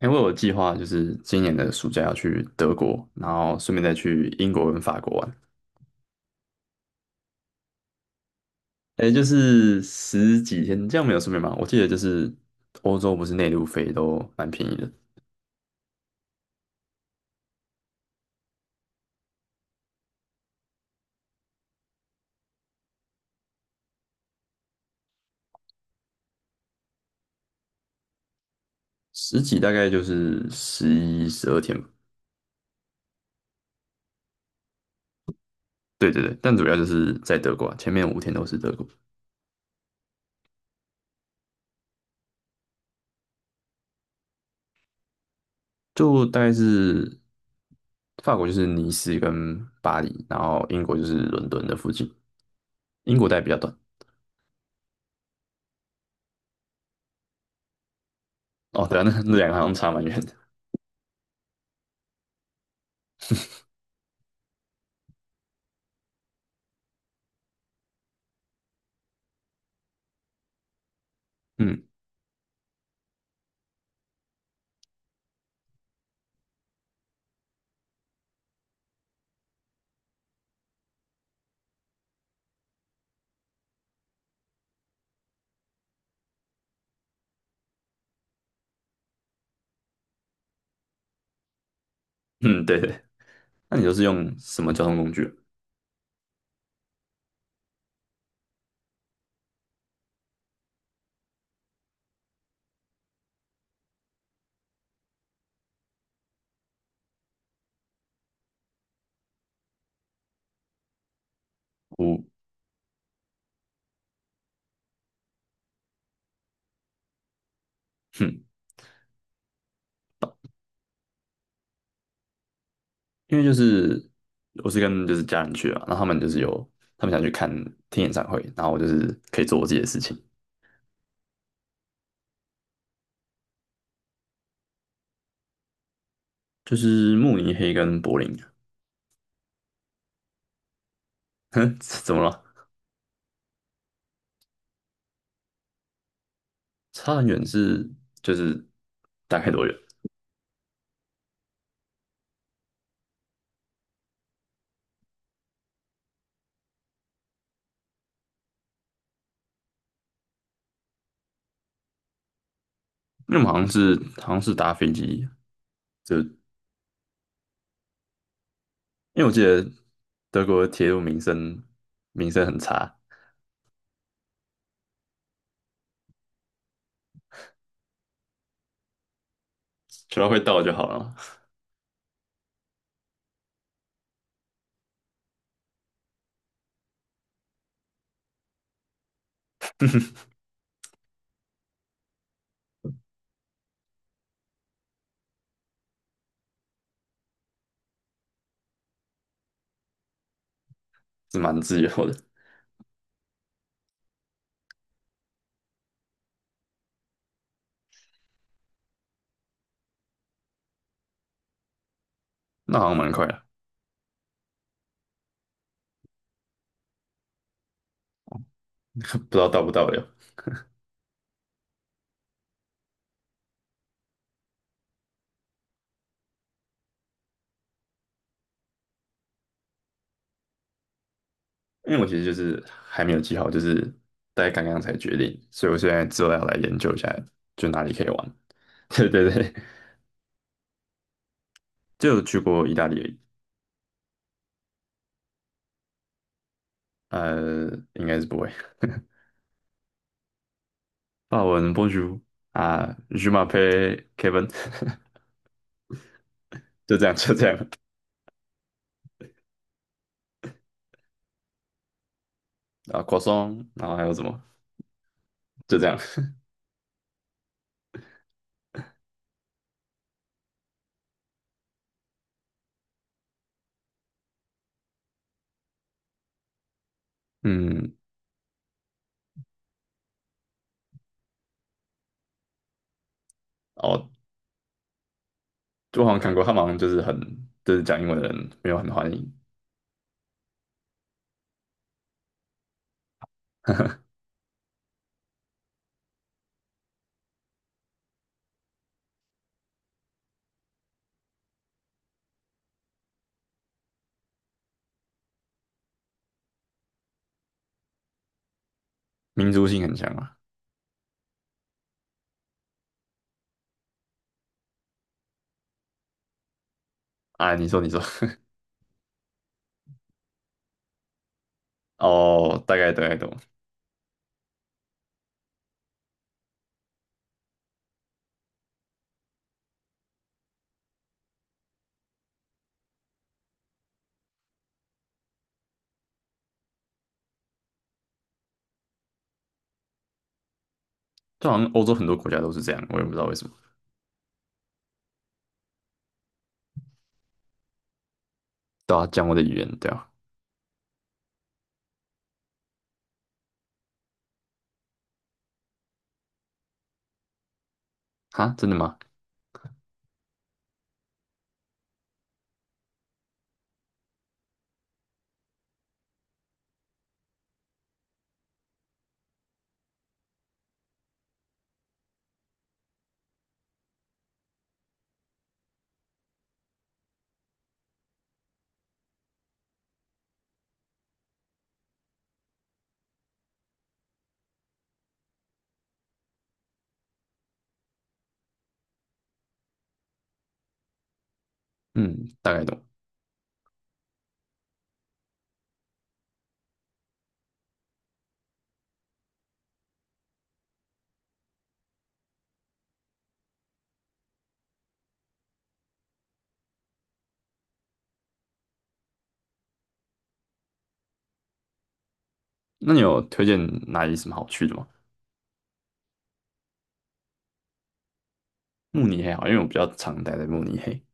因为我有计划就是今年的暑假要去德国，然后顺便再去英国跟法国玩。诶，就是十几天，这样没有顺便吗？我记得就是欧洲不是内陆飞都蛮便宜的，十几大概就是11、12天吧。对对对，但主要就是在德国啊，前面5天都是德国，就大概是法国就是尼斯跟巴黎，然后英国就是伦敦的附近，英国待比较短。哦，对啊，那两个好像差蛮远的。嗯嗯，对对。那你都是用什么交通工具啊我，哼，因为就是我是跟就是家人去啊，然后他们就是有他们想去看听演唱会，然后我就是可以做我自己的事情，就是慕尼黑跟柏林，哼，怎么了？差很远是就是大概多远？因为我们好像是搭飞机，就因为我记得德国的铁路名声很差，只要会到就好了，是蛮自由的，那好像蛮快的，不知道到不到的。因为我其实就是还没有记好，就是大概刚刚才决定，所以我现在之后要来研究一下，就哪里可以玩。对对对，就有去过意大利而已应该是不会。法文 Bonjour 啊，Je m'appelle Kevin,就这样就这样啊，croissant,然后还有什么？就这样。嗯，哦，我好像看过，他们好像就是很就是讲英文的人没有很欢迎，民族性很强嘛。啊，你说你说，哦，大概懂，就好像欧洲很多国家都是这样，我也不知道为什么。对啊，讲我的语言，对啊，哈，真的吗？嗯，大概懂。那你有推荐哪里什么好去的吗？慕尼黑好，因为我比较常待在慕尼黑。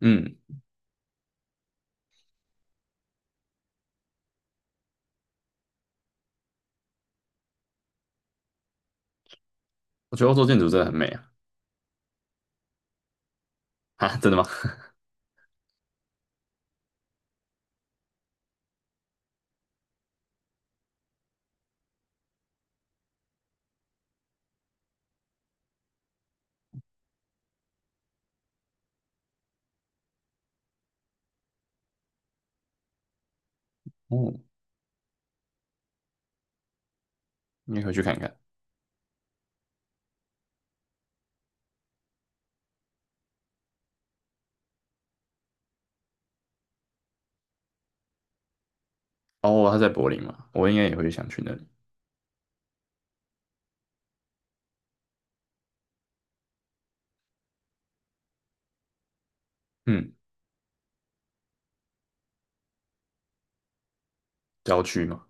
嗯，我觉得欧洲建筑真的很美啊。哈，真的吗？哦，你也回去看看。哦，他在柏林嘛，我应该也会想去那里。嗯，郊区嘛，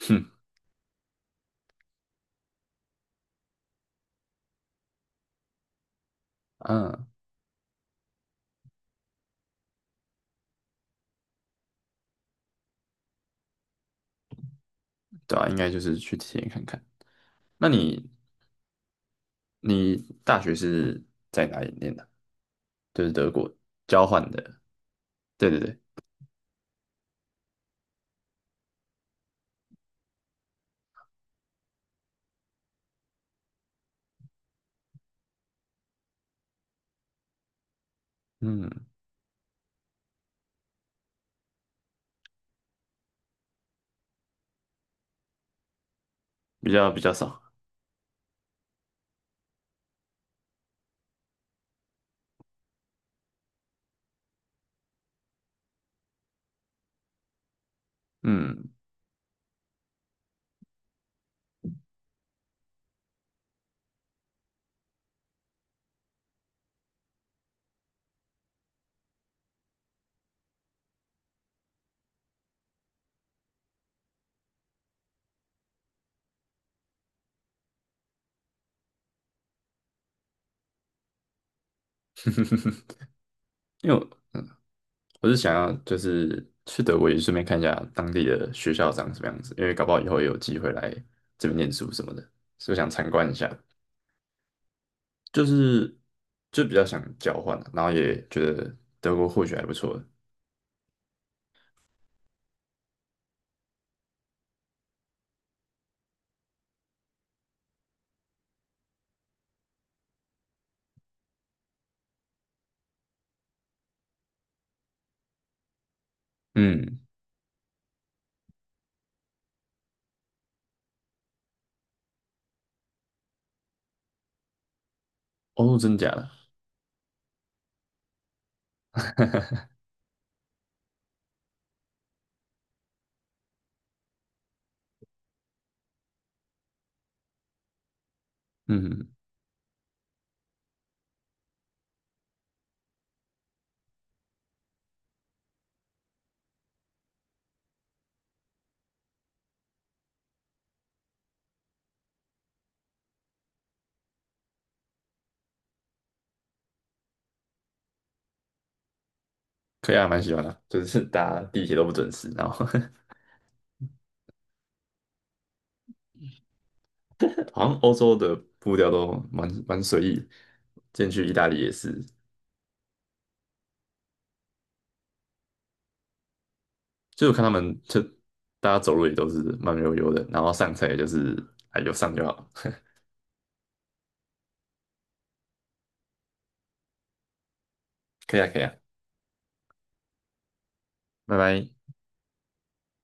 哼，嗯，对啊，应该就是去体验看看。那你大学是在哪里念的？就是德国交换的。对对对，嗯，比较少。嗯，因为我。我是想要就是去德国也顺便看一下当地的学校长什么样子，因为搞不好以后也有机会来这边念书什么的，所以我想参观一下，就是比较想交换啊然后也觉得德国或许还不错的。嗯，哦，真假的？嗯，可以啊，蛮喜欢的，就是大家地铁都不准时，然后 好像欧洲的步调都蛮随意进去意大利也是，就我看他们就大家走路也都是慢悠悠的，然后上车也就是哎有上就好。可以啊，可以啊，拜拜。